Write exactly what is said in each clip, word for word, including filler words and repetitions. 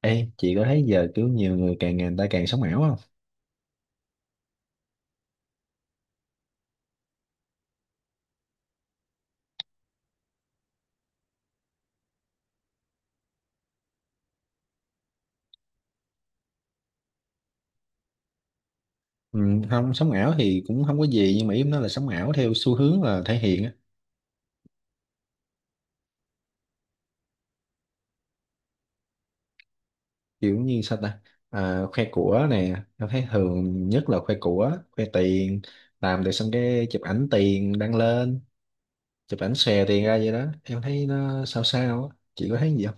Ê, chị có thấy giờ kiểu nhiều người càng ngày người ta càng sống ảo không? Ừ, không, sống ảo thì cũng không có gì nhưng mà ý em nói là sống ảo theo xu hướng là thể hiện á, kiểu như sao ta? À, khoe của nè, em thấy thường nhất là khoe của, khoe tiền, làm được xong cái chụp ảnh tiền đăng lên, chụp ảnh xòe tiền ra vậy đó. Em thấy nó sao sao á, chị có thấy gì không?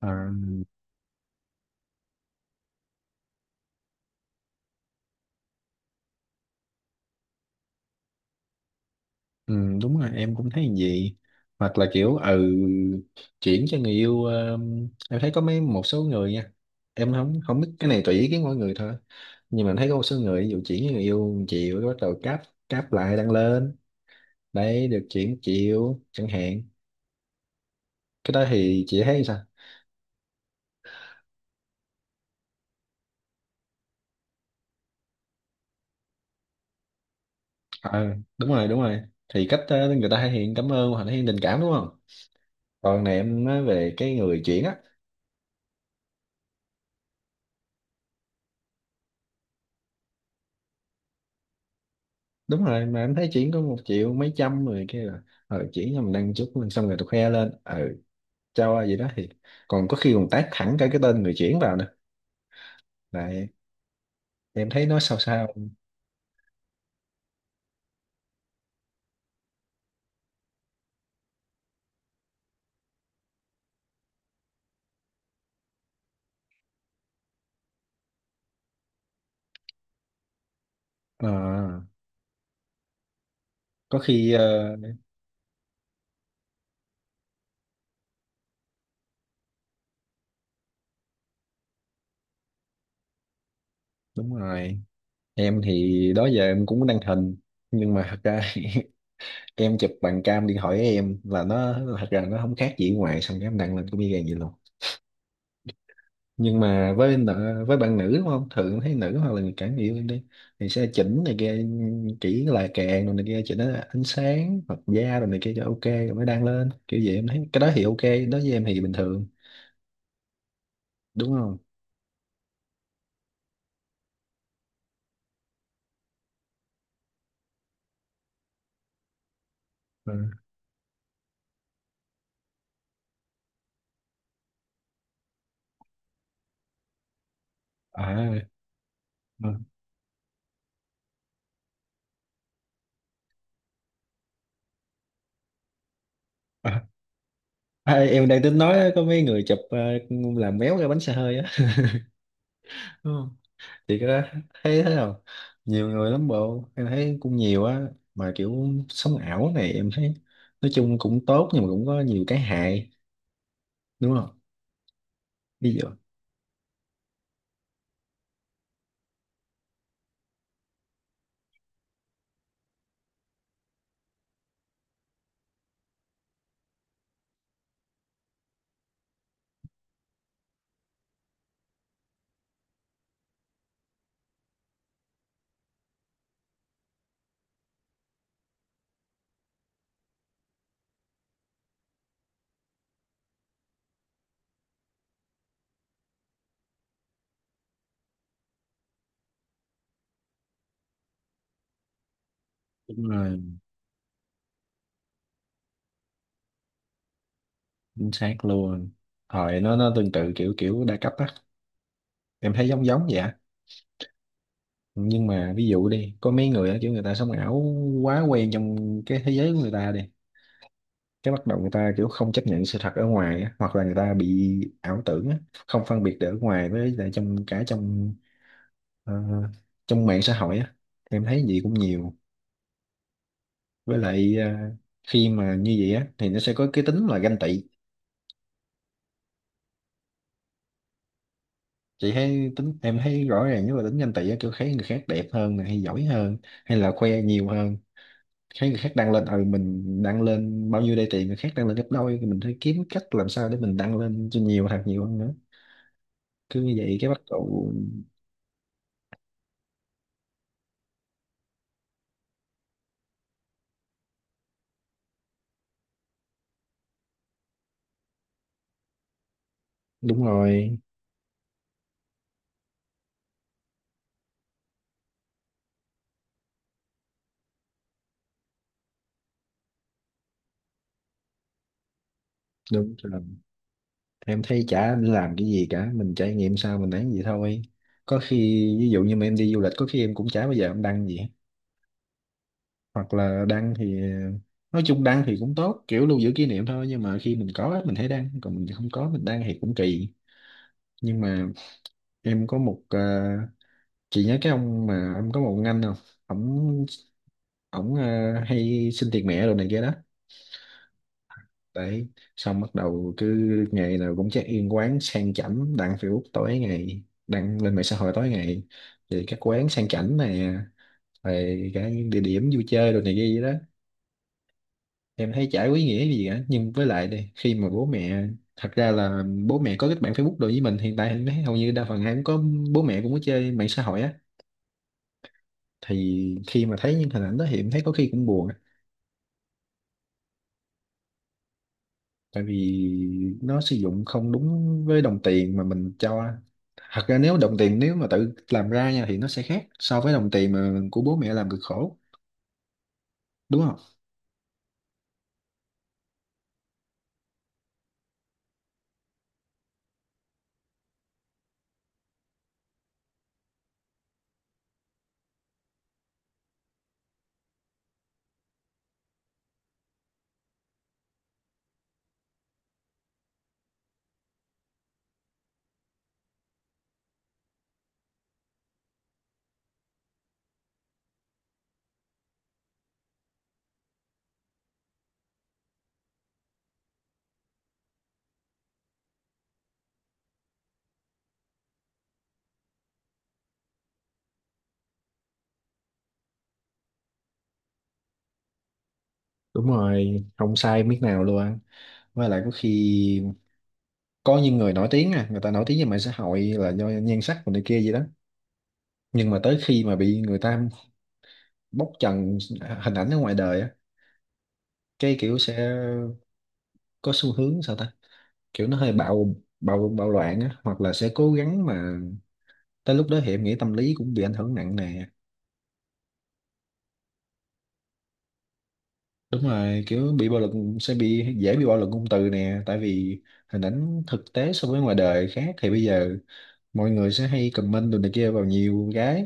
Ờ. Ừ, đúng rồi em cũng thấy như vậy, hoặc là kiểu ừ chuyển cho người yêu, ờ, em thấy có mấy một số người nha, em không không biết cái này tùy ý kiến mỗi người thôi, nhưng mà em thấy có một số người ví dụ chuyển cho người yêu chịu bắt đầu cáp cáp lại đăng lên, đấy được chuyển chịu chẳng hạn. Cái đó thì chị thấy sao? ờ Đúng rồi đúng rồi, thì cách ờ, người ta thể hiện cảm ơn hoặc thể hiện tình cảm, đúng không? Còn này em nói về cái người chuyển á. Đúng rồi, mà em thấy chuyển có một triệu mấy trăm rồi kia là ờ chuyển cho mình đăng chút lên xong rồi tôi khoe lên, ờ cho ai gì đó thì, còn có khi còn tag thẳng cả cái tên người chuyển vào nữa lại, em thấy nó sao sao. Ờ, có khi, ờ, đúng rồi, em thì đó giờ em cũng đăng hình, nhưng mà thật ra em chụp bằng cam điện thoại của em là nó thật ra nó không khác gì ngoài, xong cái em đăng lên cũng y gan vậy luôn. Nhưng mà với nợ, với bạn nữ, đúng không, thường thấy nữ hoặc là người cả người yêu em đi thì sẽ chỉnh này kia, chỉ là kèn rồi này kia, chỉnh ánh sáng hoặc da rồi này kia cho ok rồi mới đăng lên kiểu vậy, em thấy cái đó thì ok, đó với em thì bình thường, đúng không? Ừ. À. Ừ. À. À, em đang tính nói có mấy người chụp ờ, làm méo cái bánh xe hơi á đúng không? Thì cái đó thấy thế nào? Nhiều người lắm bộ em thấy cũng nhiều á, mà kiểu sống ảo này em thấy nói chung cũng tốt nhưng mà cũng có nhiều cái hại, đúng không? Ví dụ, đúng rồi, chính xác luôn, thời nó nó tương tự kiểu kiểu đa cấp á, em thấy giống giống vậy á. Nhưng mà ví dụ đi có mấy người á, kiểu người ta sống ảo quá quen trong cái thế giới của người ta đi, cái bắt đầu người ta kiểu không chấp nhận sự thật ở ngoài á, hoặc là người ta bị ảo tưởng á, không phân biệt được ở ngoài với lại trong cả trong ờ, trong mạng xã hội á, em thấy gì cũng nhiều. Với lại ờ, khi mà như vậy á thì nó sẽ có cái tính là ganh tị, chị thấy tính em thấy rõ ràng, nếu mà tính nhanh tỷ á, kiểu thấy người khác đẹp hơn này hay giỏi hơn hay là khoe nhiều hơn, thấy người khác đăng lên, ừ mình đăng lên bao nhiêu đây tiền người khác đăng lên gấp đôi thì mình phải kiếm cách làm sao để mình đăng lên cho nhiều thật nhiều hơn nữa, cứ như vậy cái bắt đầu. Đúng rồi đúng rồi, em thấy chả nên làm cái gì cả, mình trải nghiệm sao mình ấy gì thôi, có khi ví dụ như mà em đi du lịch có khi em cũng chả bao giờ em đăng gì, hoặc là đăng thì nói chung đăng thì cũng tốt kiểu lưu giữ kỷ niệm thôi, nhưng mà khi mình có á, mình thấy đăng còn mình không có mình đăng thì cũng kỳ. Nhưng mà em có một ờ, chị nhớ cái ông mà em có một ông anh không? Ổng ổng ờ, hay xin tiền mẹ đồ này kia đó, đấy, xong bắt đầu cứ ngày nào cũng check in quán sang chảnh đăng Facebook tối ngày, đăng lên mạng xã hội tối ngày thì các quán sang chảnh này, về cả những địa điểm vui chơi đồ này kia vậy đó, em thấy chả có ý nghĩa gì cả, nhưng với lại đây khi mà bố mẹ, thật ra là bố mẹ có kết bạn Facebook đối với mình hiện tại em thấy hầu như đa phần ai cũng có, bố mẹ cũng có chơi mạng xã hội á, thì khi mà thấy những hình ảnh đó thì em thấy có khi cũng buồn á. Tại vì nó sử dụng không đúng với đồng tiền mà mình cho, thật ra nếu đồng tiền nếu mà tự làm ra nha thì nó sẽ khác so với đồng tiền mà của bố mẹ làm cực khổ, đúng không? Đúng rồi, không sai miếng nào luôn á. Với lại có khi có những người nổi tiếng, à, người ta nổi tiếng về mạng xã hội là do nhan sắc của này kia gì đó, nhưng mà tới khi mà bị người ta bóc trần hình ảnh ở ngoài đời á, cái kiểu sẽ có xu hướng sao ta, kiểu nó hơi bạo bạo bạo loạn á, hoặc là sẽ cố gắng mà tới lúc đó thì em nghĩ tâm lý cũng bị ảnh hưởng nặng nè. Đúng rồi, kiểu bị bạo lực, sẽ bị dễ bị bạo lực ngôn từ nè, tại vì hình ảnh thực tế so với ngoài đời khác thì bây giờ mọi người sẽ hay comment đồ này kia vào nhiều cái,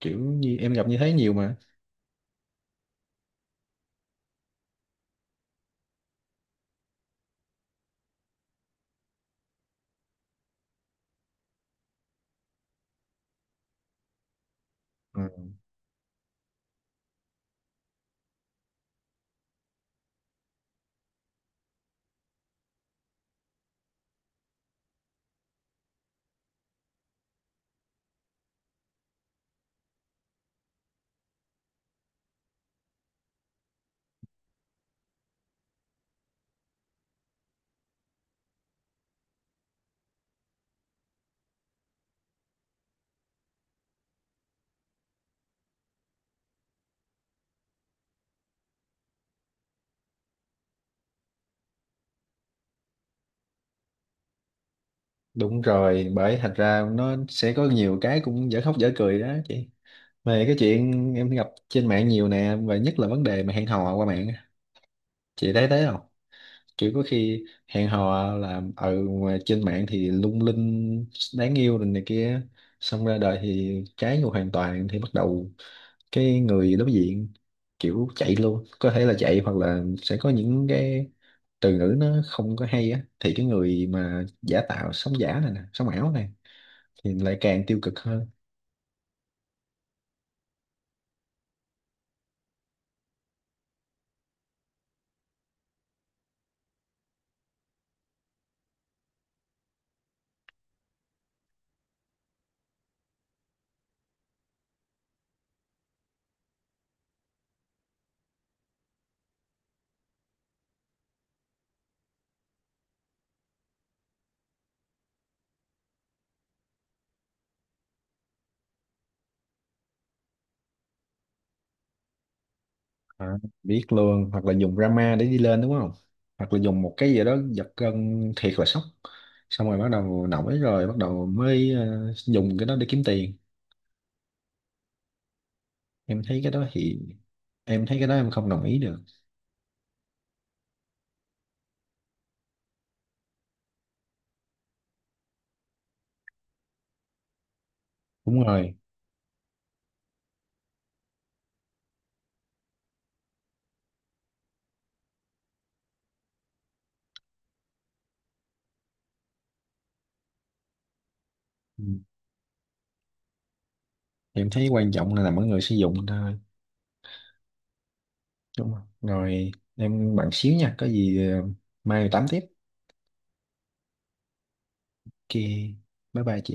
kiểu như em gặp như thế nhiều mà. Ờ. Đúng rồi, bởi thành ra nó sẽ có nhiều cái cũng dở khóc dở cười đó chị. Về cái chuyện em gặp trên mạng nhiều nè, và nhất là vấn đề mà hẹn hò qua mạng á. Chị thấy thế không? Kiểu có khi hẹn hò là ở trên mạng thì lung linh, đáng yêu rồi này kia. Xong ra đời thì trái ngược hoàn toàn thì bắt đầu cái người đối diện kiểu chạy luôn. Có thể là chạy hoặc là sẽ có những cái từ ngữ nó không có hay á. Thì cái người mà giả tạo, sống giả này nè, sống ảo này thì lại càng tiêu cực hơn. À, biết luôn, hoặc là dùng drama để đi lên, đúng không, hoặc là dùng một cái gì đó giật gân thiệt là sốc, xong rồi bắt đầu nổi rồi bắt đầu mới ờ, dùng cái đó để kiếm tiền. Em thấy cái đó thì Em thấy cái đó em không đồng ý được. Đúng rồi. Ừ. Em thấy quan trọng là nằm ở người sử dụng thôi, đúng không? Rồi em bạn xíu nha, có gì ờ, mai tám tiếp, kia, bye bye chị